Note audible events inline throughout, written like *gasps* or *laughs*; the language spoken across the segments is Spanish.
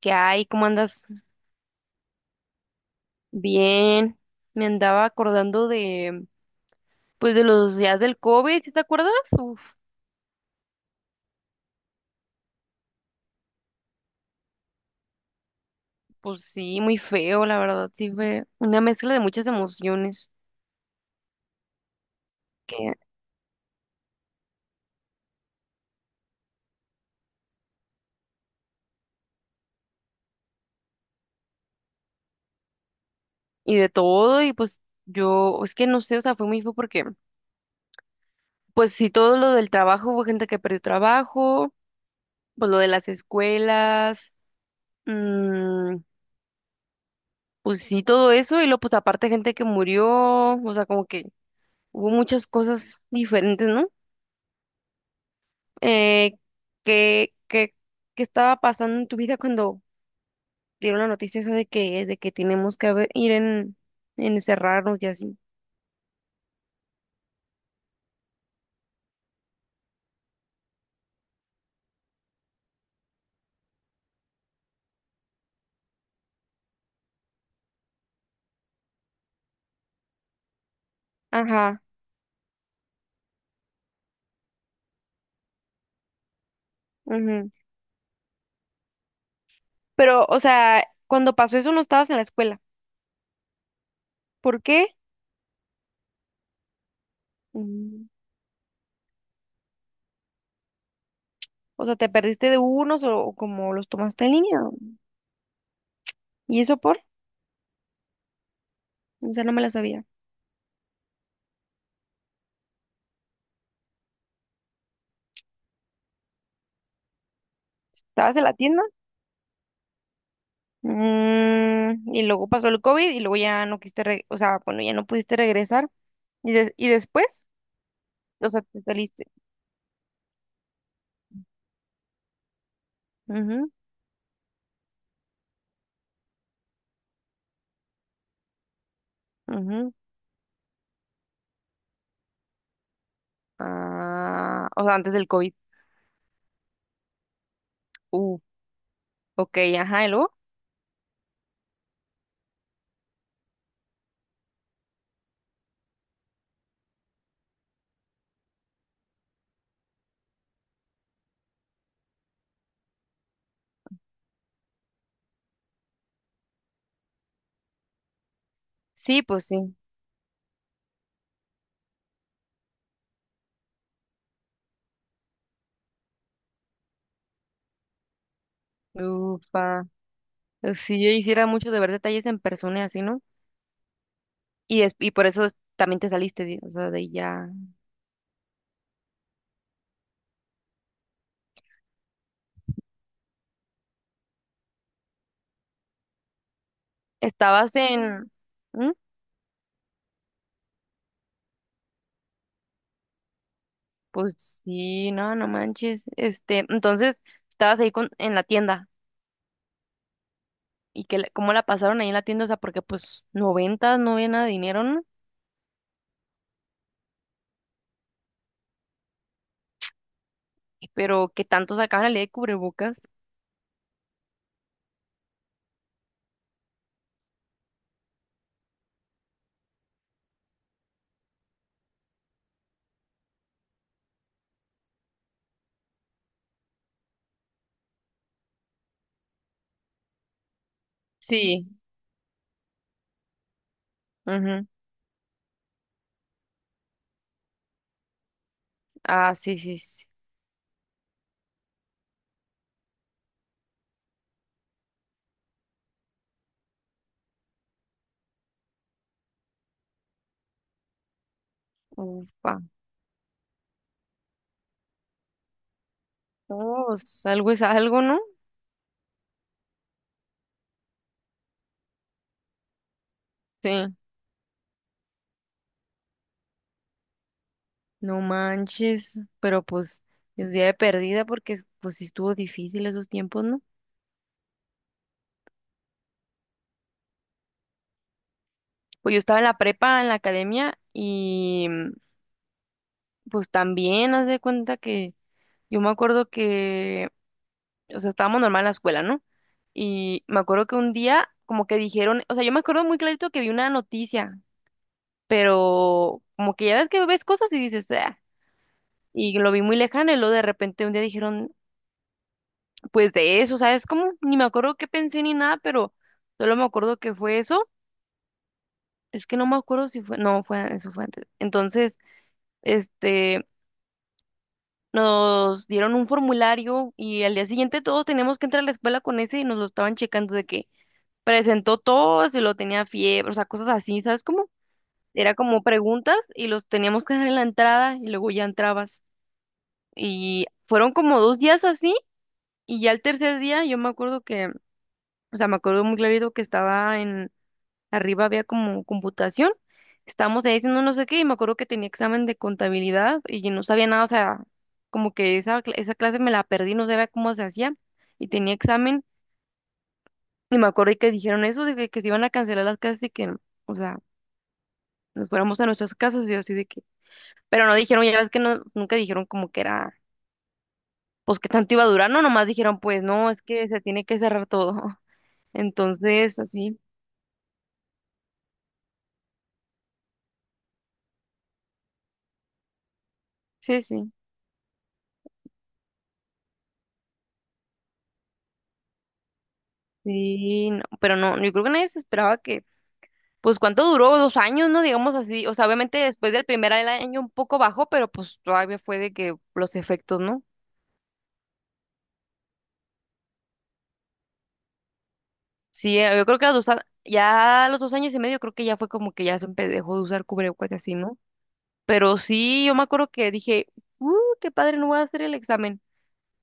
¿Qué hay? ¿Cómo andas? Bien. Me andaba acordando pues de los días del COVID, ¿sí te acuerdas? Uf, pues sí, muy feo, la verdad, sí fue una mezcla de muchas emociones que, y de todo, y pues yo, es que no sé, o sea, fue muy feo porque, pues sí, todo lo del trabajo, hubo gente que perdió trabajo, pues lo de las escuelas, mm, pues sí, todo eso, y luego pues aparte gente que murió, o sea, como que hubo muchas cosas diferentes, ¿no? eh, ¿qué, qué, qué estaba pasando en tu vida cuando dieron la noticia esa de que tenemos que ir en encerrarnos y así? Ajá, ujú. Pero, o sea, cuando pasó eso no estabas en la escuela. ¿Por qué? Mm, O sea, ¿te perdiste de unos o como los tomaste en línea? ¿Y eso por? O sea, no me la sabía. ¿Estabas en la tienda? Y luego pasó el COVID y luego ya no quisiste, o sea, bueno, ya no pudiste regresar. ¿Y después? O sea, te saliste. Ujú. Ah, o sea, antes del COVID. Uh, ok, ajá, ¿y luego? Sí, pues sí. Ufa. Si yo hiciera mucho de ver detalles en persona y así, ¿no? Y por eso también te saliste, o sea, de ahí ya. Estabas en... ¿Mm? Pues sí, no, no manches. Este, entonces, estabas ahí con, en la tienda. ¿Y que cómo la pasaron ahí en la tienda? O sea, porque pues noventas no había nada de dinero, ¿no? ¿Pero qué tanto sacaban la ley de cubrebocas? Sí. Ujú. Ah, sí, sí, sí. Ufa. Oh, algo es algo, ¿no? Sí. No manches. Pero pues, es día de perdida porque pues sí estuvo difícil esos tiempos, ¿no? Pues yo estaba en la prepa, en la academia, y pues también haz de cuenta que yo me acuerdo que, o sea, estábamos normal en la escuela, ¿no? Y me acuerdo que un día como que dijeron, o sea, yo me acuerdo muy clarito que vi una noticia, pero como que ya ves que ves cosas y dices, ah, y lo vi muy lejano y luego de repente un día dijeron, pues de eso, ¿sabes cómo? Ni me acuerdo qué pensé ni nada, pero solo me acuerdo que fue eso. Es que no me acuerdo si fue, no, fue, eso fue antes. Entonces, este, nos dieron un formulario y al día siguiente todos teníamos que entrar a la escuela con ese y nos lo estaban checando de que presentó todo, si lo tenía fiebre, o sea, cosas así, ¿sabes cómo? Era como preguntas y los teníamos que dejar en la entrada y luego ya entrabas. Y fueron como 2 días así y ya el tercer día yo me acuerdo que, o sea, me acuerdo muy clarito que estaba en. Arriba había como computación. Estábamos ahí haciendo no sé qué y me acuerdo que tenía examen de contabilidad y yo no sabía nada, o sea, como que esa clase me la perdí, no sabía cómo se hacía y tenía examen y me acuerdo que dijeron eso de que se iban a cancelar las clases y que, o sea, nos fuéramos a nuestras casas y yo así de que, pero no dijeron, ya ves que no, nunca dijeron como que era, pues que tanto iba a durar, no, nomás dijeron, pues no, es que se tiene que cerrar todo. *laughs* Entonces, así, sí, sí. Sí, no, pero no, yo creo que nadie se esperaba que. Pues cuánto duró, 2 años, ¿no? Digamos así. O sea, obviamente después del primer año un poco bajó, pero pues todavía fue de que los efectos, ¿no? Sí, yo creo que a los dos, a- ya a los 2 años y medio creo que ya fue como que ya dejó de usar cubrebocas y así, ¿no? Pero sí, yo me acuerdo que dije, uh, qué padre, no voy a hacer el examen.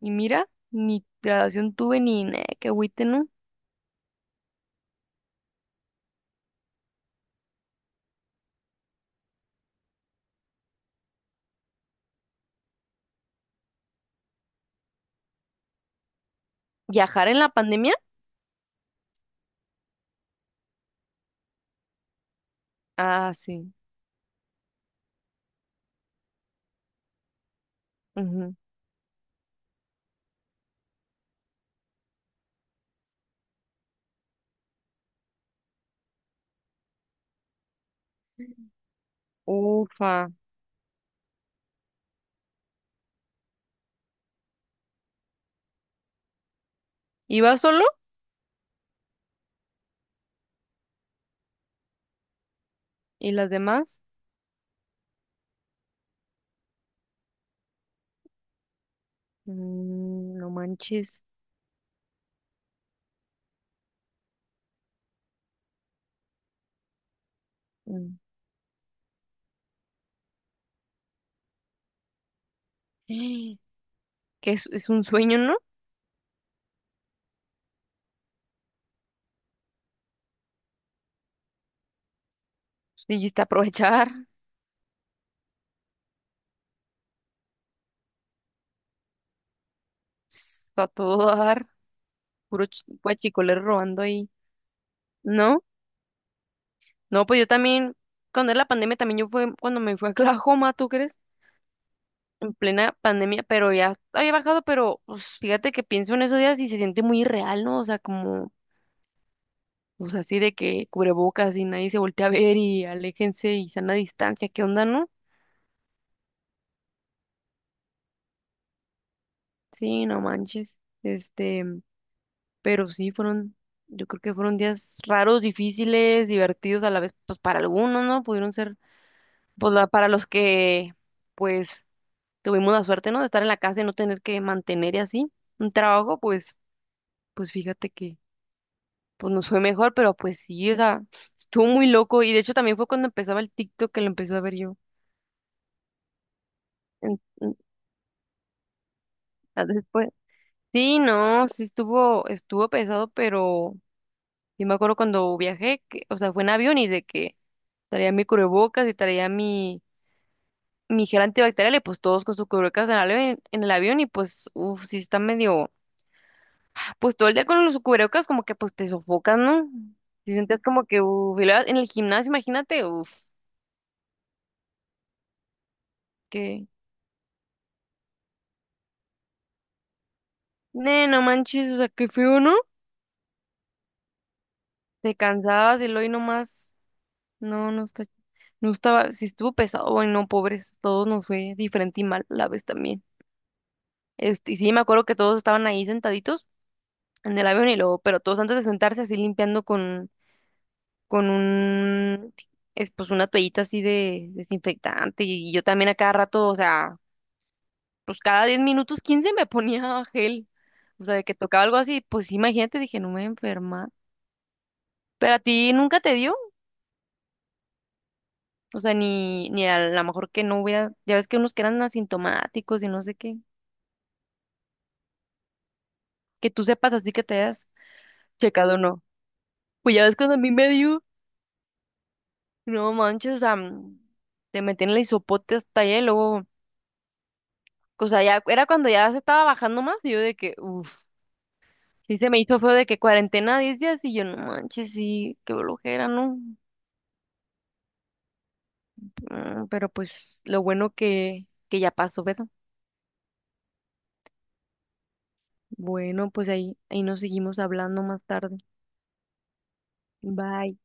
Y mira, ni graduación tuve ni nada, qué agüite, ¿no? ¿Viajar en la pandemia? Ah, sí. Ujú. Ufa. ¿Iba solo? ¿Y las demás? No manches. Mm. *gasps* Que es un sueño, ¿no? Dijiste aprovechar, *laughs* está todo dar, puro guachicolero robando ahí. No, no, pues yo también, cuando era la pandemia, también yo fue cuando me fui a Oklahoma, ¿tú crees? En plena pandemia, pero ya había bajado, pero pues, fíjate que pienso en esos días y se siente muy irreal, ¿no? O sea, como, pues así de que cubrebocas y nadie se voltea a ver y aléjense y sana distancia, ¿qué onda, no? Sí, no manches. Este. Pero sí, fueron, yo creo que fueron días raros, difíciles, divertidos a la vez, pues para algunos, ¿no? Pudieron ser, pues para los que, pues, tuvimos la suerte, ¿no? De estar en la casa y no tener que mantener y así un trabajo, pues fíjate que, pues nos fue mejor, pero pues sí, o sea, estuvo muy loco y de hecho también fue cuando empezaba el TikTok que lo empecé a ver yo. en- en- Después. Sí, no, sí estuvo pesado, pero sí me acuerdo cuando viajé, que, o sea, fue en avión y de que traía mi cubrebocas y traía mi gel antibacterial y pues todos con su cubrebocas en el avión y pues, uff, sí está medio, pues todo el día con los cubrebocas como que pues te sofocas, ¿no? Te sientes como que, uff, y luego en el gimnasio, imagínate, uff, que, ne, no manches, o sea, qué feo, ¿no? Te cansabas y luego y nomás, no, no está, no estaba, sí estuvo pesado, bueno no, pobres, todos nos fue diferente y mal a la vez también. Este, y sí, me acuerdo que todos estaban ahí sentaditos en el avión y luego, pero todos antes de sentarse así limpiando con un, es, pues una toallita así de desinfectante y yo también a cada rato, o sea, pues cada 10 minutos, 15 me ponía gel, o sea, de que tocaba algo así, pues sí, imagínate, dije, no me voy a enfermar. Pero a ti nunca te dio, o sea, ni a lo mejor que no hubiera, ya ves que unos que eran asintomáticos y no sé qué, que tú sepas así que te hayas checado o no. Pues ya ves cuando a mí me dio, no manches, o sea, te metí en el hisopote hasta allá y luego... O sea, ya era cuando ya se estaba bajando más y yo de que, uff. Sí, se me hizo feo de que cuarentena 10 días y yo no manches, sí, qué blojera, ¿no? Pero pues lo bueno que ya pasó, ¿verdad? Bueno, pues ahí nos seguimos hablando más tarde. Bye.